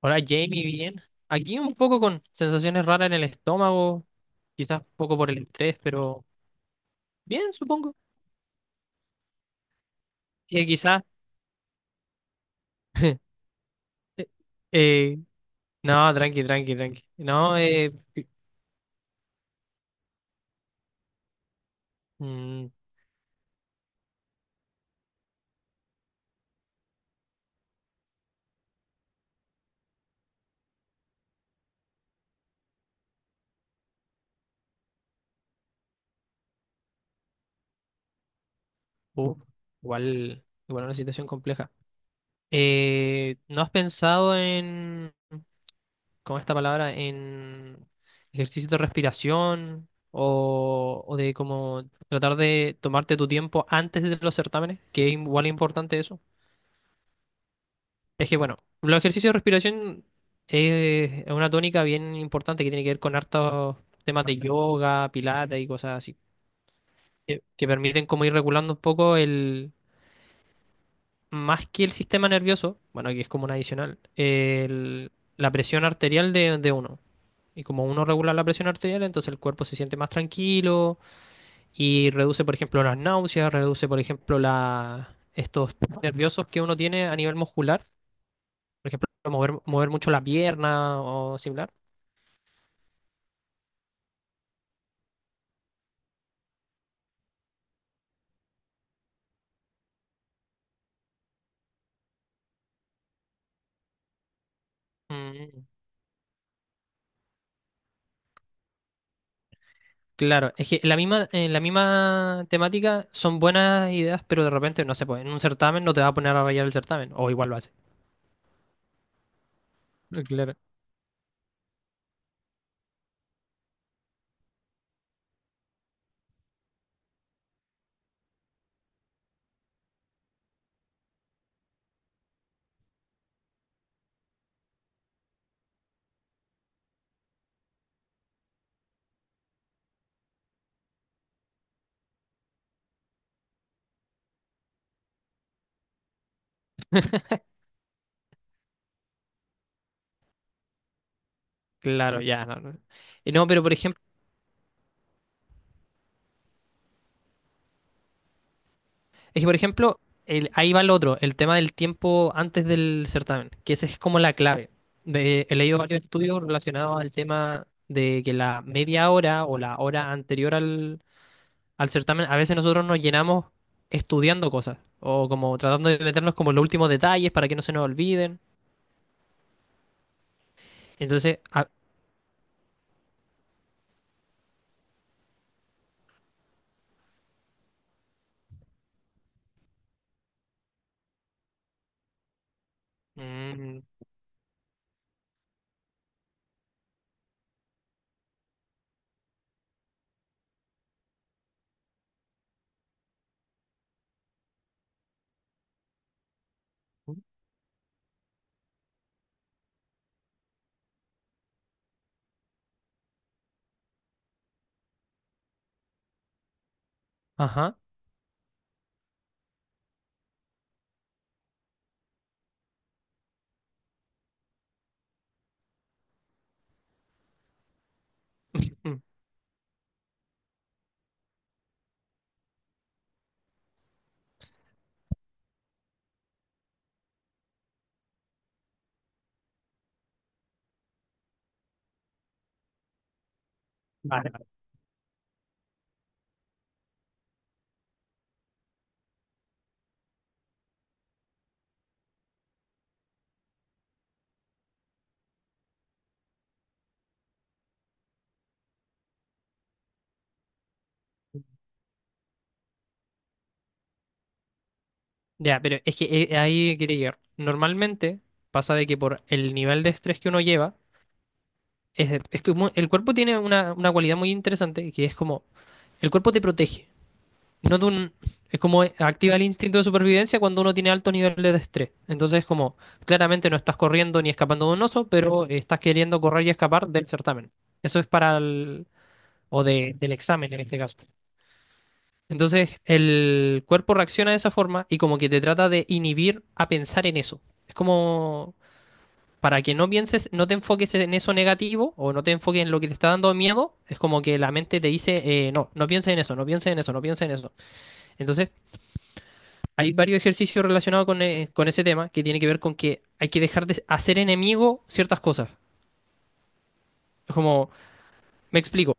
Hola Jamie, bien. Aquí un poco con sensaciones raras en el estómago, quizás un poco por el estrés, pero bien, supongo. Quizás. eh, eh, no, tranqui, tranqui, tranqui. No, que- mm, uh, Igual, igual una situación compleja. ¿No has pensado en, con esta palabra, en ejercicios de respiración o de como tratar de tomarte tu tiempo antes de los certámenes? Que es igual importante eso. Es que bueno, los ejercicios de respiración es una tónica bien importante que tiene que ver con hartos temas de yoga, pilates y cosas así, que permiten como ir regulando un poco el, más que el sistema nervioso, bueno, que es como un adicional, la presión arterial de uno. Y como uno regula la presión arterial, entonces el cuerpo se siente más tranquilo y reduce, por ejemplo, las náuseas, reduce, por ejemplo, estos nerviosos que uno tiene a nivel muscular. Por ejemplo, mover mucho la pierna o similar. Mm, claro, es que en la misma temática son buenas ideas, pero de repente no se puede. En un certamen no te va a poner a rayar el certamen, o igual lo hace. Claro, claro, ya. No, no. No, pero por ejemplo, es que por ejemplo, ahí va el otro, el tema del tiempo antes del certamen, que esa es como la clave. He leído varios estudios relacionados al tema de que la media hora o la hora anterior al certamen, a veces nosotros nos llenamos estudiando cosas o como tratando de meternos como en los últimos detalles para que no se nos olviden. Entonces, mm, ajá, mm, vale, vale. Ya, pero es que ahí quería llegar. Normalmente pasa de que por el nivel de estrés que uno lleva, es que el cuerpo tiene una cualidad muy interesante que es como el cuerpo te protege. No de un, Es como activa el instinto de supervivencia cuando uno tiene altos niveles de estrés. Entonces es como, claramente no estás corriendo ni escapando de un oso, pero estás queriendo correr y escapar del certamen. Eso es para el, del examen en este caso. Entonces el cuerpo reacciona de esa forma y como que te trata de inhibir a pensar en eso. Es como para que no pienses, no te enfoques en eso negativo o no te enfoques en lo que te está dando miedo, es como que la mente te dice, no, no pienses en eso, no pienses en eso, no pienses en eso. Entonces, hay varios ejercicios relacionados con ese tema que tiene que ver con que hay que dejar de hacer enemigo ciertas cosas. Es como, me explico.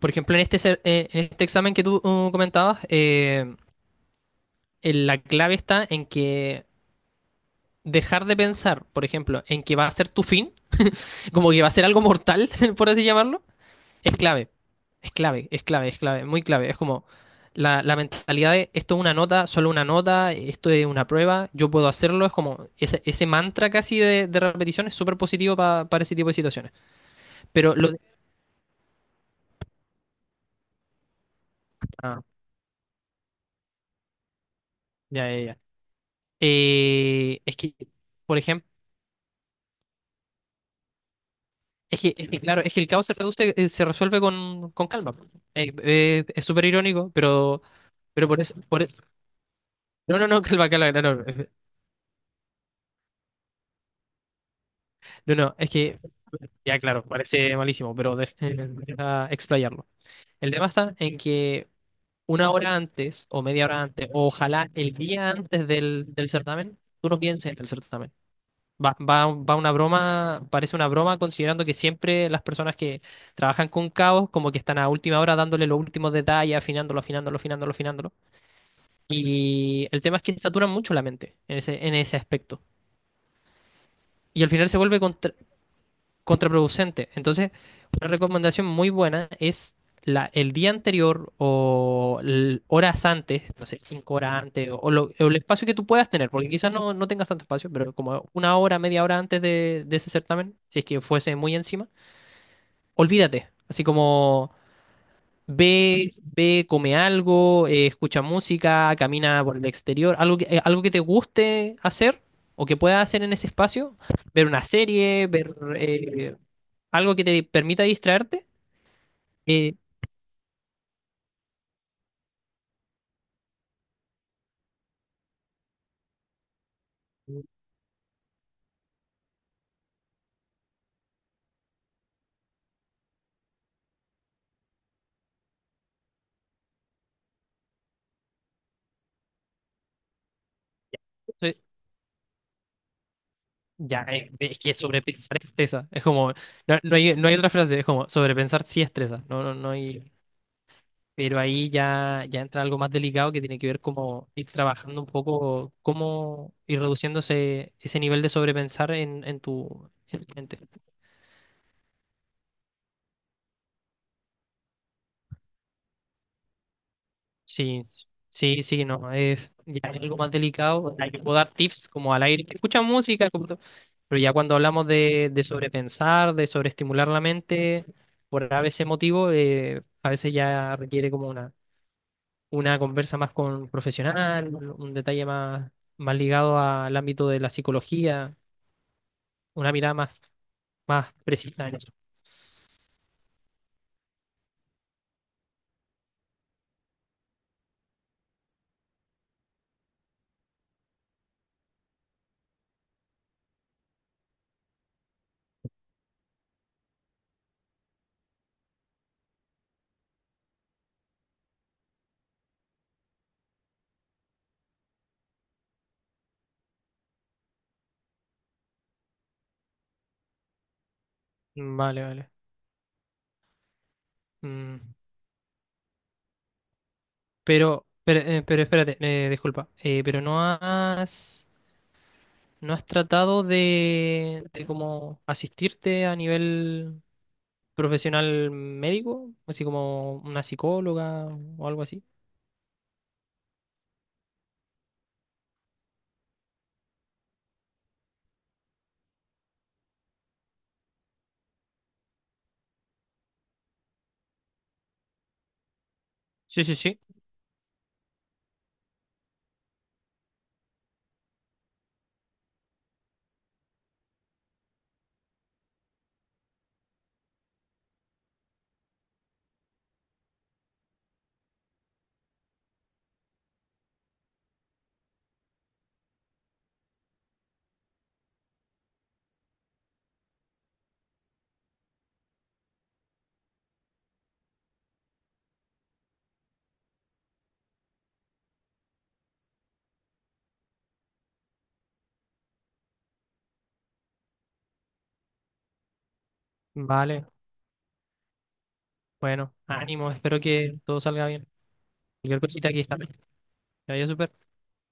Por ejemplo, en este, en este examen que tú comentabas, en la clave está en que dejar de pensar, por ejemplo, en que va a ser tu fin, como que va a ser algo mortal, por así llamarlo. Es clave, es clave, es clave, es clave, muy clave. Es como la mentalidad de esto es una nota, solo una nota, esto es una prueba, yo puedo hacerlo. Es como ese mantra casi de repetición es súper positivo para ese tipo de situaciones. Pero lo de- ah, ya, ya, ya. Eh, es que, por ejemplo, es que, claro, es que el caos se reduce, se resuelve con calma. Es súper irónico, pero por eso, no, no, no, calma, calma, no, no. No, no, ya claro, parece malísimo, pero deja explayarlo. El tema está en que una hora antes o media hora antes, o ojalá el día antes del certamen, tú no pienses en el certamen. Va, va, va una broma, parece una broma considerando que siempre las personas que trabajan con caos como que están a última hora dándole los últimos detalles, afinándolo, afinándolo, afinándolo, afinándolo. Y el tema es que saturan mucho la mente en ese aspecto. Y al final se vuelve contraproducente. Entonces, una recomendación muy buena es el día anterior o horas antes, no sé, cinco horas antes, o o el espacio que tú puedas tener, porque quizás no, no tengas tanto espacio, pero como una hora, media hora antes de ese certamen, si es que fuese muy encima, olvídate. Así como ve, ve, come algo, escucha música, camina por el exterior, algo que te guste hacer o que puedas hacer en ese espacio, ver una serie, ver algo que te permita distraerte. eh, eh, ya, es que sobrepensar estresa, es como, no, no hay, no hay otra frase, es como sobrepensar sí estresa, no, no, no hay... Pero ahí ya, ya entra algo más delicado que tiene que ver como ir trabajando un poco, cómo ir reduciéndose ese nivel de sobrepensar en, en tu mente. Sí, sí, sí, no, es ya es algo más delicado. O sea, yo puedo dar tips como al aire, escucha música, pero ya cuando hablamos de sobrepensar, de sobreestimular la mente, por a veces motivo, a veces ya requiere como una conversa más con un profesional, un detalle más, más ligado al ámbito de la psicología, una mirada más, más precisa en eso. Mm, vale, vale. Mm, pero espérate, disculpa, pero no has, no has tratado de como asistirte a nivel profesional médico, así como una psicóloga o algo así. Sí, sí, sí. Vale, bueno, ánimo, espero que todo salga bien. Cualquier cosita aquí está. Que vaya súper.